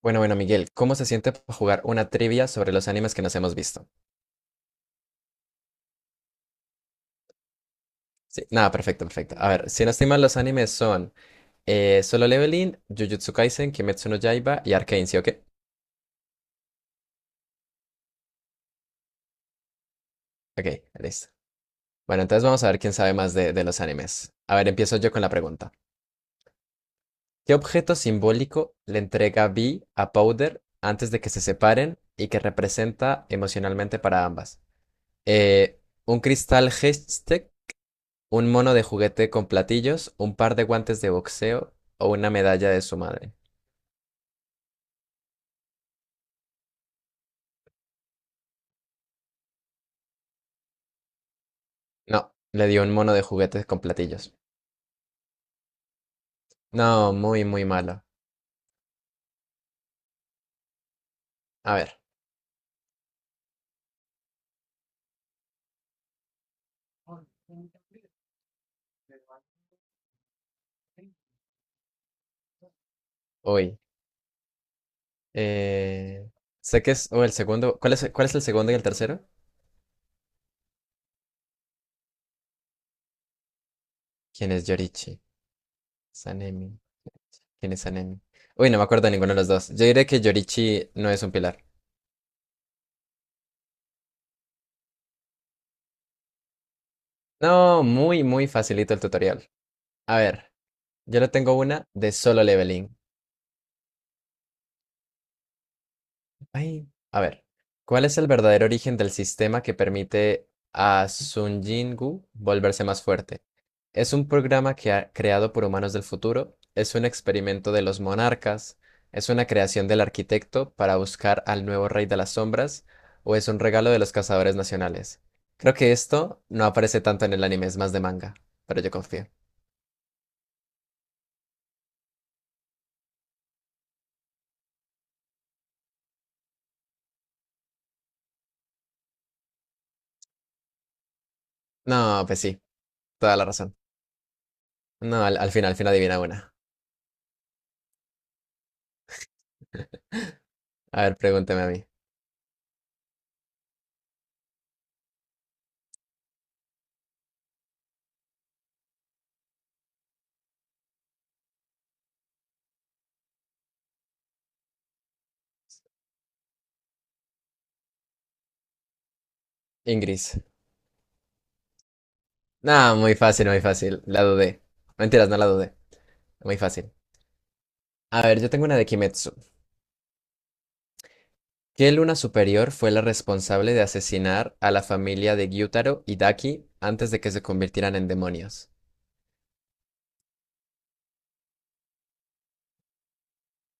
Bueno, bueno, Miguel, ¿cómo se siente jugar una trivia sobre los animes que nos hemos visto? Sí, nada, perfecto, perfecto. A ver, si no estoy mal, los animes son Solo Leveling, Jujutsu Kaisen, Kimetsu no Yaiba y Arcane, ¿sí o qué? Ok, listo. Bueno, entonces vamos a ver quién sabe más de los animes. A ver, empiezo yo con la pregunta. ¿Qué objeto simbólico le entrega Vi a Powder antes de que se separen y que representa emocionalmente para ambas? Eh, ¿Un cristal Hextech? Un mono de juguete con platillos, un par de guantes de boxeo o una medalla de su madre. No, le dio un mono de juguetes con platillos. No, muy, muy malo. A ver, uy. eh, Sé que es. O el segundo. Cuál es el segundo y el tercero? ¿Quién es Yorichi? Sanemi. ¿Quién es Sanemi? Uy, no me acuerdo de ninguno de los dos. Yo diré que Yorichi no es un pilar. No, muy, muy facilito el tutorial. A ver, yo le tengo una de Solo Leveling. Ay, a ver, ¿cuál es el verdadero origen del sistema que permite a Sun Jin-gu volverse más fuerte? ¿Es un programa que creado por humanos del futuro? ¿Es un experimento de los monarcas? ¿Es una creación del arquitecto para buscar al nuevo rey de las sombras? ¿O es un regalo de los cazadores nacionales? Creo que esto no aparece tanto en el anime, es más de manga, pero yo confío. No, pues sí, toda la razón. No, al final, al final adivina una. A ver, pregúnteme a mí. Ingris. No, muy fácil, muy fácil. La dudé. No, mentiras, no la dudé. Muy fácil. A ver, yo tengo una de Kimetsu. ¿Qué luna superior fue la responsable de asesinar a la familia de Gyutaro y Daki antes de que se convirtieran en demonios?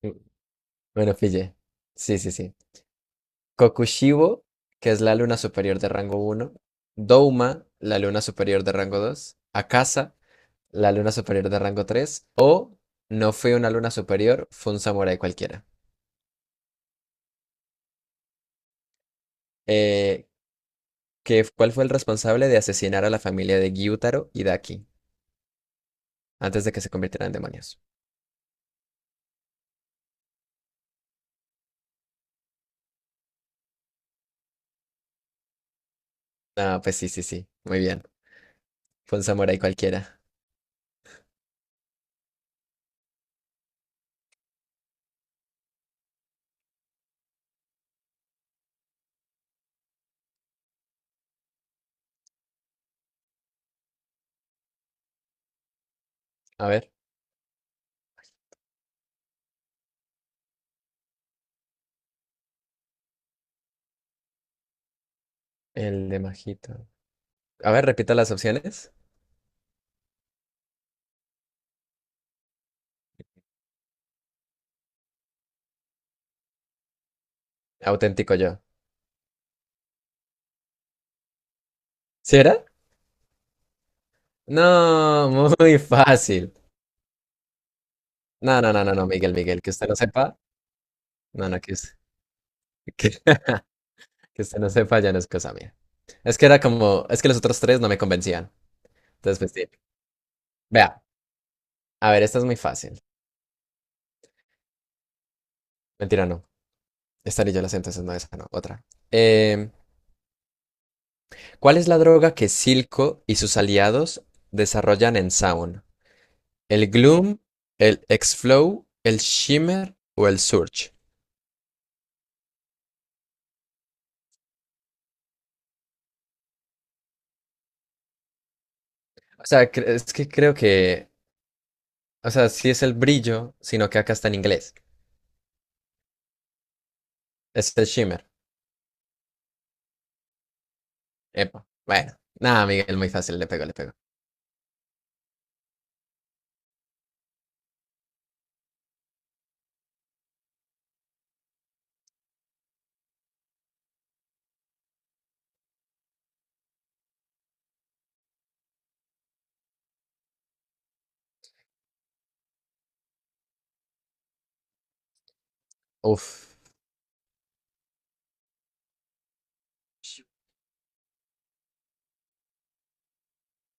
Mm, bueno, pille. Sí, sí, sí. Kokushibo, que es la luna superior de rango uno. Douma, la luna superior de rango 2. Akasa, la luna superior de rango 3. O no fue una luna superior, fue un samurái cualquiera. Eh, ¿Qué... cuál fue el responsable de asesinar a la familia de Gyutaro y Daki antes de que se convirtieran en demonios? Ah, pues sí, sí, sí. Muy bien. Fue un samurái cualquiera. A ver, el de Majito. A ver, repita las opciones. Auténtico yo. ¿Sí era? No, muy fácil. No, no, no, no, no, Miguel, Miguel, que usted no sepa. No, no, que, que usted no sepa ya no es cosa mía. Es que era como, es que los otros tres no me convencían. Entonces, pues sí. Vea, a ver, esta es muy fácil. Mentira, no. Esta ni yo la sé, entonces no, esa no, otra. Em, ¿Cuál es la droga que Silco y sus aliados desarrollan en Sound? ¿El Gloom, el X-Flow, el Shimmer o el Surge? O sea, es que creo que, o sea, sí es el brillo, sino que acá está en inglés. Es el Shimmer. Epa. Bueno, nada, Miguel, muy fácil, le pego, le pego. Uf.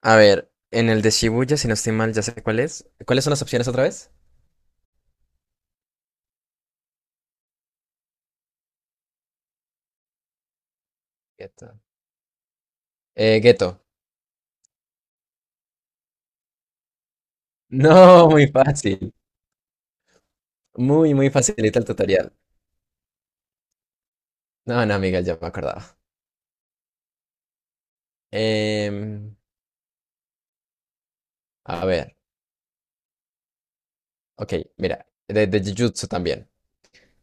A ver, en el de Shibuya, si no estoy mal, ya sé cuál es. ¿Cuáles son las opciones otra vez? Ghetto. Ghetto. No, muy fácil. Muy, muy facilita el tutorial. No, no, amiga, ya me acordaba. Em, a ver, ok, mira, de Jujutsu también.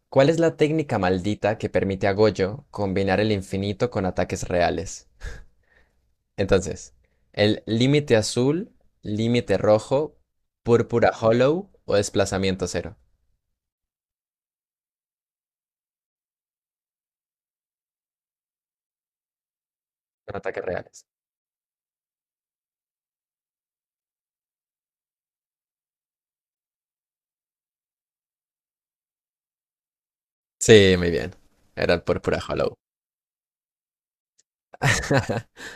¿Cuál es la técnica maldita que permite a Gojo combinar el infinito con ataques reales? Entonces, el límite azul, límite rojo, púrpura hollow o desplazamiento cero. Con ataques reales. Sí, muy bien. Era el púrpura hollow.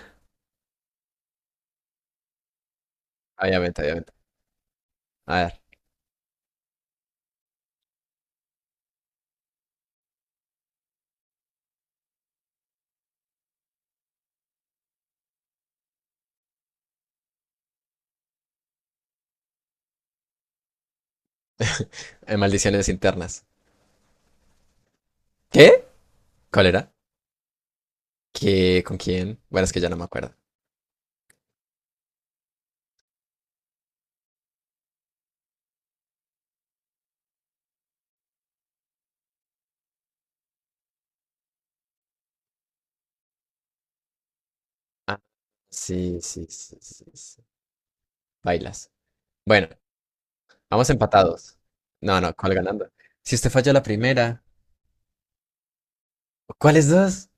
Obviamente, obviamente. A ver, en maldiciones internas. ¿Qué? ¿Cuál era? ¿Qué? ¿Con quién? Bueno, es que ya no me acuerdo. Ah, sí, sí, sí, sí, sí. Bailas. Bueno, vamos empatados. No, no, ¿cuál ganando? Si usted falló la primera, ¿cuáles dos?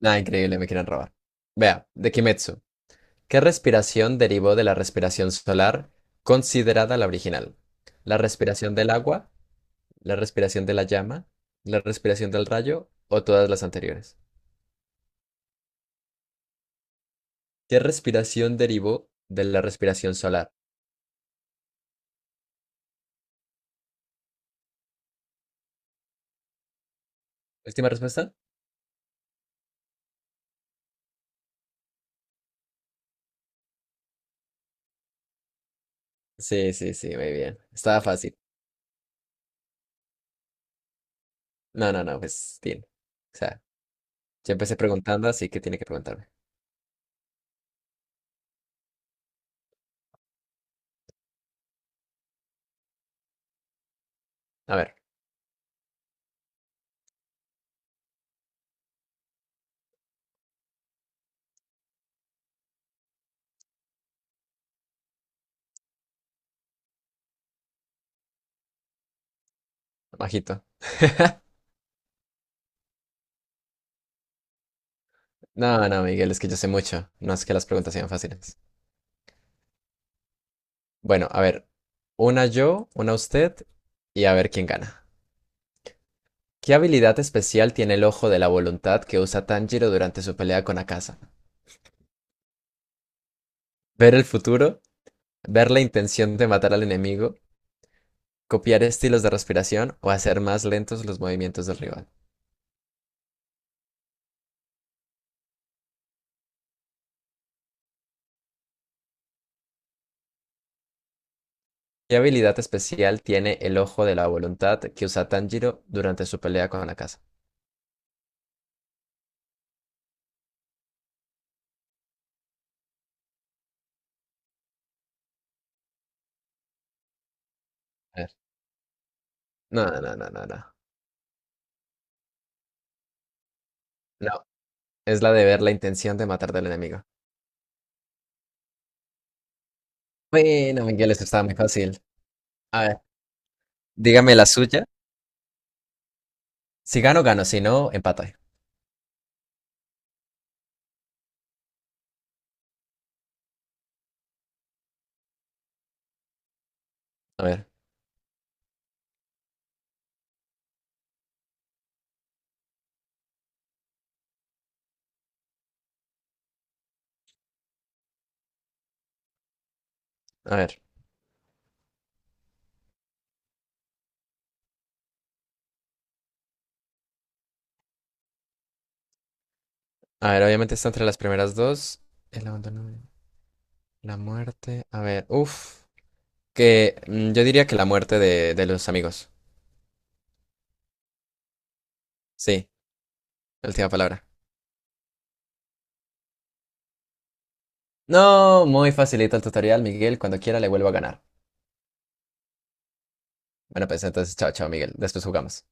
Nada, increíble, me quieren robar. Vea, de Kimetsu. ¿Qué respiración derivó de la respiración solar considerada la original? ¿La respiración del agua? ¿La respiración de la llama? ¿La respiración del rayo? ¿O todas las anteriores? ¿Qué respiración derivó de la respiración solar? Última respuesta. Sí, sí, sí, muy bien. Estaba fácil. No, no, no, pues bien. O sea, ya empecé preguntando, así que tiene que preguntarme. A ver, bajito. No, no, Miguel, es que yo sé mucho. No es que las preguntas sean fáciles. Bueno, a ver. Una yo, una usted y a ver quién gana. ¿Qué habilidad especial tiene el ojo de la voluntad que usa Tanjiro durante su pelea con Akaza? ¿Ver el futuro? ¿Ver la intención de matar al enemigo? ¿Copiar estilos de respiración o hacer más lentos los movimientos del rival? ¿Qué habilidad especial tiene el ojo de la voluntad que usa Tanjiro durante su pelea con Akaza? A ver. No, no, no, no, no. No, no, es la de ver la intención de matar del enemigo. Bueno, Miguel, eso estaba muy fácil. A ver, dígame la suya. Si gano, gano. Si no, empate. A ver, a ver. A ver, obviamente está entre las primeras dos. El abandono, la muerte. A ver, uff. Que mm, yo diría que la muerte de los amigos. Sí, última palabra. No, muy facilita el tutorial, Miguel. Cuando quiera le vuelvo a ganar. Bueno, pues entonces, chao, chao, Miguel. Después jugamos.